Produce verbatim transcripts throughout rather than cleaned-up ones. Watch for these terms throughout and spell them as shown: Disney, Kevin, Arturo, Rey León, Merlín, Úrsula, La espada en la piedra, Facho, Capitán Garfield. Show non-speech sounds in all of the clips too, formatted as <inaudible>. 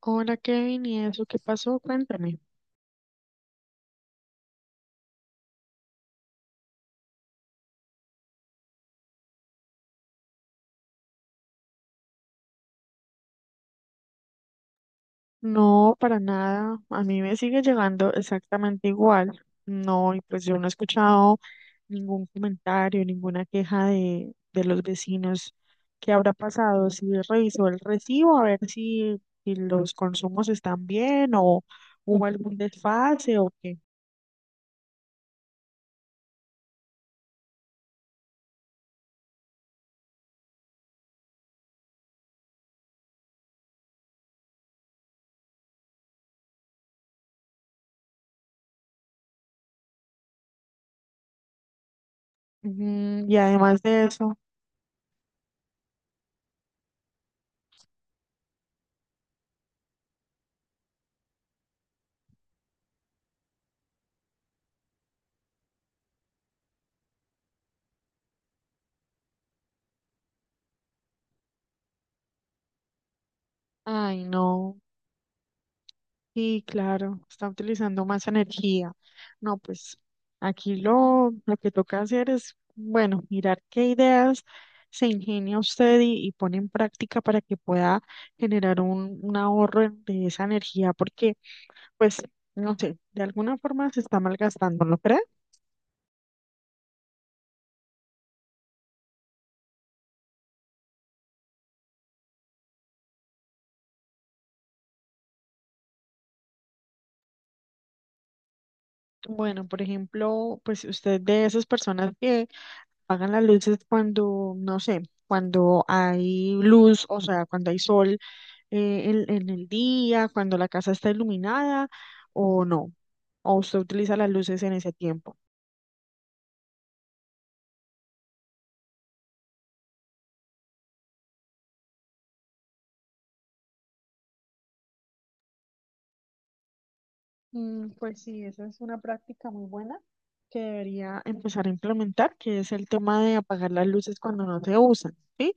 Hola Kevin, ¿y eso qué pasó? Cuéntame. No, para nada. A mí me sigue llegando exactamente igual. No, y pues yo no he escuchado ningún comentario, ninguna queja de, de los vecinos. ¿Qué habrá pasado? Si revisó el recibo, a ver si, si los consumos están bien o hubo algún desfase o qué. Ujú, y además de eso, ay no. Sí, claro, está utilizando más energía. No, pues aquí lo, lo que toca hacer es, bueno, mirar qué ideas se ingenia usted y, y pone en práctica para que pueda generar un, un ahorro en- de esa energía, porque, pues, no sé, de alguna forma se está malgastando, ¿no cree? Bueno, por ejemplo, pues usted de esas personas que pagan las luces cuando, no sé, cuando hay luz, o sea, cuando hay sol, eh, en, en el día, cuando la casa está iluminada o no? ¿O usted utiliza las luces en ese tiempo? Mm, pues sí, esa es una práctica muy buena que debería empezar a implementar, que es el tema de apagar las luces cuando no se usan, ¿sí?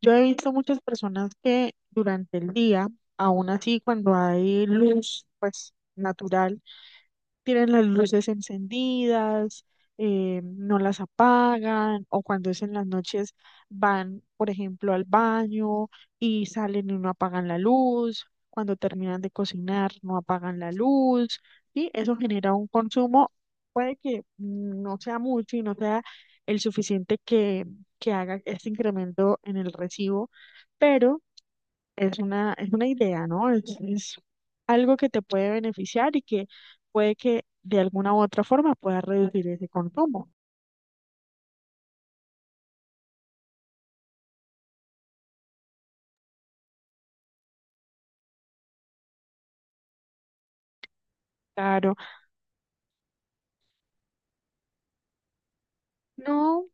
Yo he visto muchas personas que durante el día, aún así cuando hay luz, pues natural, tienen las luces encendidas, eh, no las apagan, o cuando es en las noches van, por ejemplo, al baño y salen y no apagan la luz, cuando terminan de cocinar no apagan la luz, y eso genera un consumo, puede que no sea mucho y no sea el suficiente que, que haga este incremento en el recibo, pero es una, es una idea, ¿no? Es, es algo que te puede beneficiar y que puede que de alguna u otra forma pueda reducir ese consumo. Claro, no,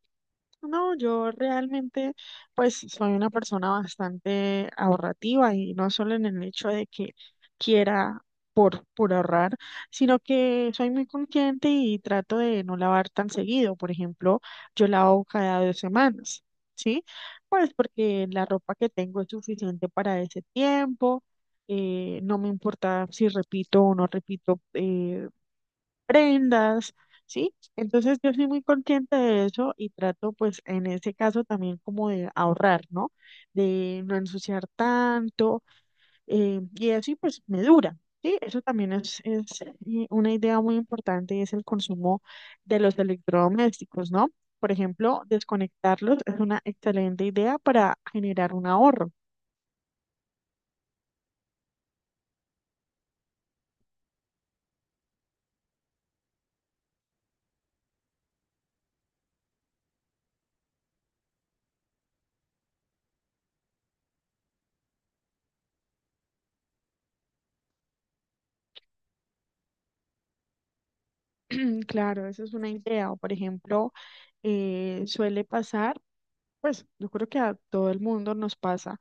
no, yo realmente pues soy una persona bastante ahorrativa y no solo en el hecho de que quiera por, por ahorrar, sino que soy muy consciente y trato de no lavar tan seguido. Por ejemplo, yo lavo cada dos semanas, ¿sí? Pues porque la ropa que tengo es suficiente para ese tiempo, eh, no me importa si repito o no repito eh, prendas, ¿sí? Entonces yo soy muy consciente de eso y trato pues en ese caso también como de ahorrar, ¿no? De no ensuciar tanto, eh, y eso y pues me dura, ¿sí? Eso también es, es eh, una idea muy importante y es el consumo de los electrodomésticos, ¿no? Por ejemplo, desconectarlos es una excelente idea para generar un ahorro. <clears throat> Claro, esa es una idea. O por ejemplo, eh, suele pasar, pues yo creo que a todo el mundo nos pasa,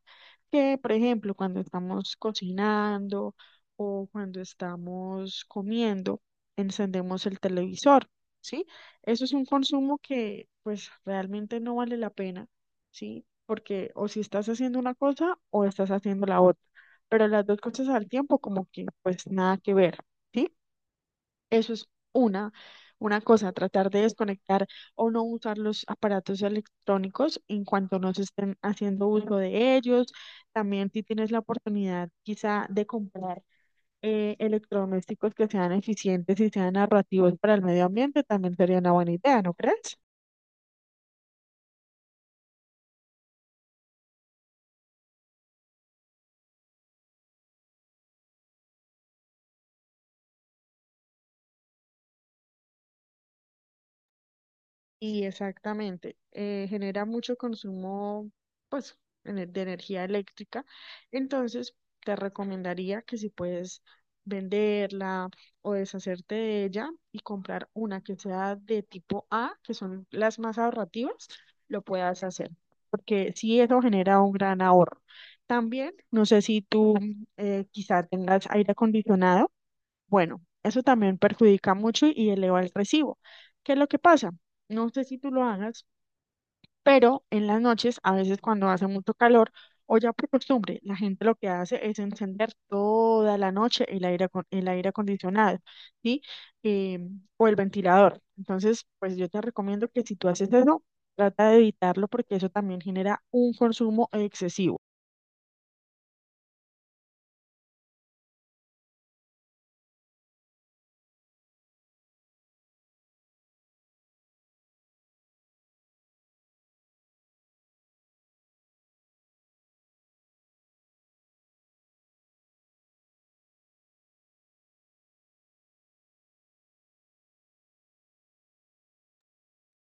que por ejemplo cuando estamos cocinando o cuando estamos comiendo, encendemos el televisor, ¿sí? Eso es un consumo que pues realmente no vale la pena, ¿sí? Porque o si estás haciendo una cosa o estás haciendo la otra, pero las dos cosas al tiempo como que pues nada que ver. ¿Sí? Eso es una, una cosa, tratar de desconectar o no usar los aparatos electrónicos en cuanto no se estén haciendo uso de ellos. También si tienes la oportunidad quizá de comprar, eh, electrodomésticos que sean eficientes y sean narrativos para el medio ambiente, también sería una buena idea, ¿no crees? Y exactamente, eh, genera mucho consumo, pues, ene- de energía eléctrica. Entonces, te recomendaría que si puedes venderla o deshacerte de ella y comprar una que sea de tipo A, que son las más ahorrativas, lo puedas hacer, porque sí eso genera un gran ahorro. También, no sé si tú, eh, quizá tengas aire acondicionado, bueno, eso también perjudica mucho y eleva el recibo. ¿Qué es lo que pasa? No sé si tú lo hagas, pero en las noches, a veces cuando hace mucho calor, o ya por costumbre, la gente lo que hace es encender toda la noche el aire, acon- el aire acondicionado, ¿sí? Eh, o el ventilador. Entonces, pues yo te recomiendo que si tú haces eso, trata de evitarlo porque eso también genera un consumo excesivo.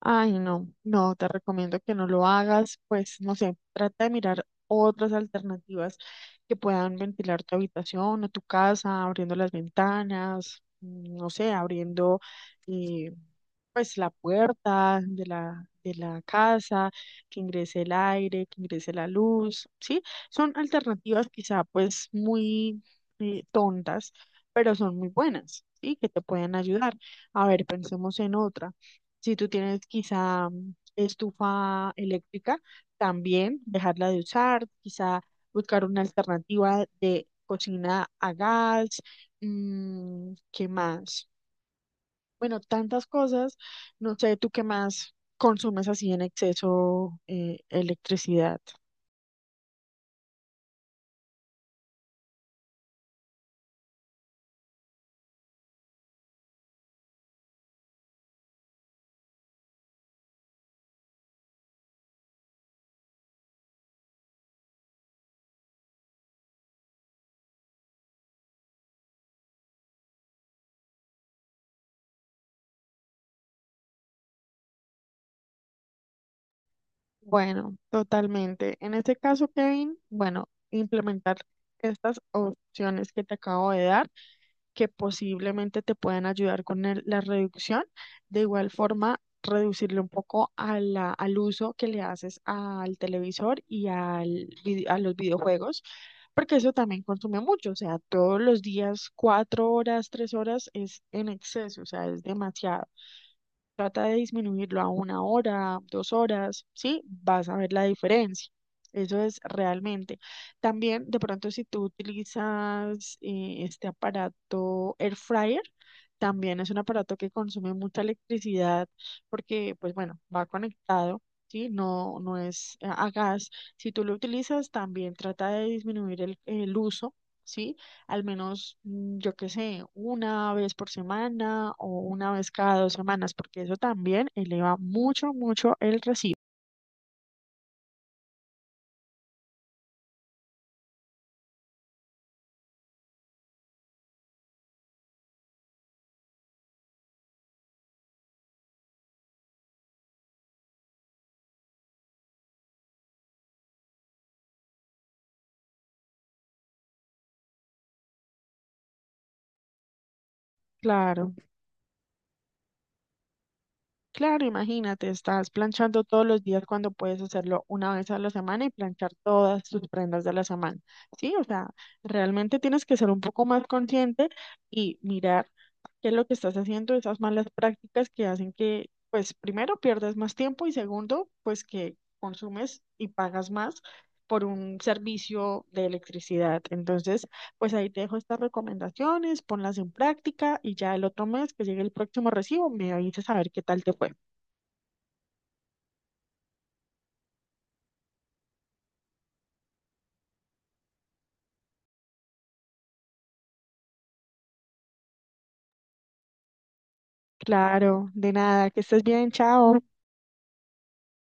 Ay, no, no, te recomiendo que no lo hagas, pues no sé, trata de mirar otras alternativas que puedan ventilar tu habitación o tu casa, abriendo las ventanas, mm, no sé, abriendo, eh, pues la puerta de la, de la casa, que ingrese el aire, que ingrese la luz, ¿sí? Son alternativas quizá pues muy, eh, tontas, pero son muy buenas, ¿sí? Que te pueden ayudar. A ver, pensemos en otra. Si tú tienes quizá mm, estufa eléctrica, también dejarla de usar, quizá buscar una alternativa de cocina a gas, mm, ¿qué más? Bueno, tantas cosas. No sé, ¿tú qué más consumes así en exceso, eh, electricidad? Bueno, totalmente. En este caso, Kevin, bueno, implementar estas opciones que te acabo de dar, que posiblemente te puedan ayudar con el- la reducción. De igual forma, reducirle un poco a la- al uso que le haces al televisor y al, vide- a los videojuegos, porque eso también consume mucho. O sea, todos los días, cuatro horas, tres horas es en exceso, o sea, es demasiado. Trata de disminuirlo a una hora, dos horas, ¿sí? Vas a ver la diferencia. Eso es realmente. También, de pronto, si tú utilizas eh, este aparato air fryer, también es un aparato que consume mucha electricidad porque, pues bueno, va conectado, ¿sí? No, no es a a gas. Si tú lo utilizas, también trata de disminuir el, el uso, ¿sí?, al menos, mm, yo qué sé, una vez por semana o una vez cada dos semanas, porque eso también eleva mucho, mucho el recibo. Claro. Claro, imagínate, estás planchando todos los días cuando puedes hacerlo una vez a la semana y planchar todas tus prendas de la semana. Sí, o sea, realmente tienes que ser un poco más consciente y mirar qué es lo que estás haciendo, esas malas prácticas que hacen que, pues, primero pierdas más tiempo y segundo, pues que consumes y pagas más por un servicio de electricidad. Entonces, pues ahí te dejo estas recomendaciones, ponlas en práctica y ya el otro mes que llegue el próximo recibo me avisas a ver qué tal te fue. Claro, de nada, que estés bien, chao.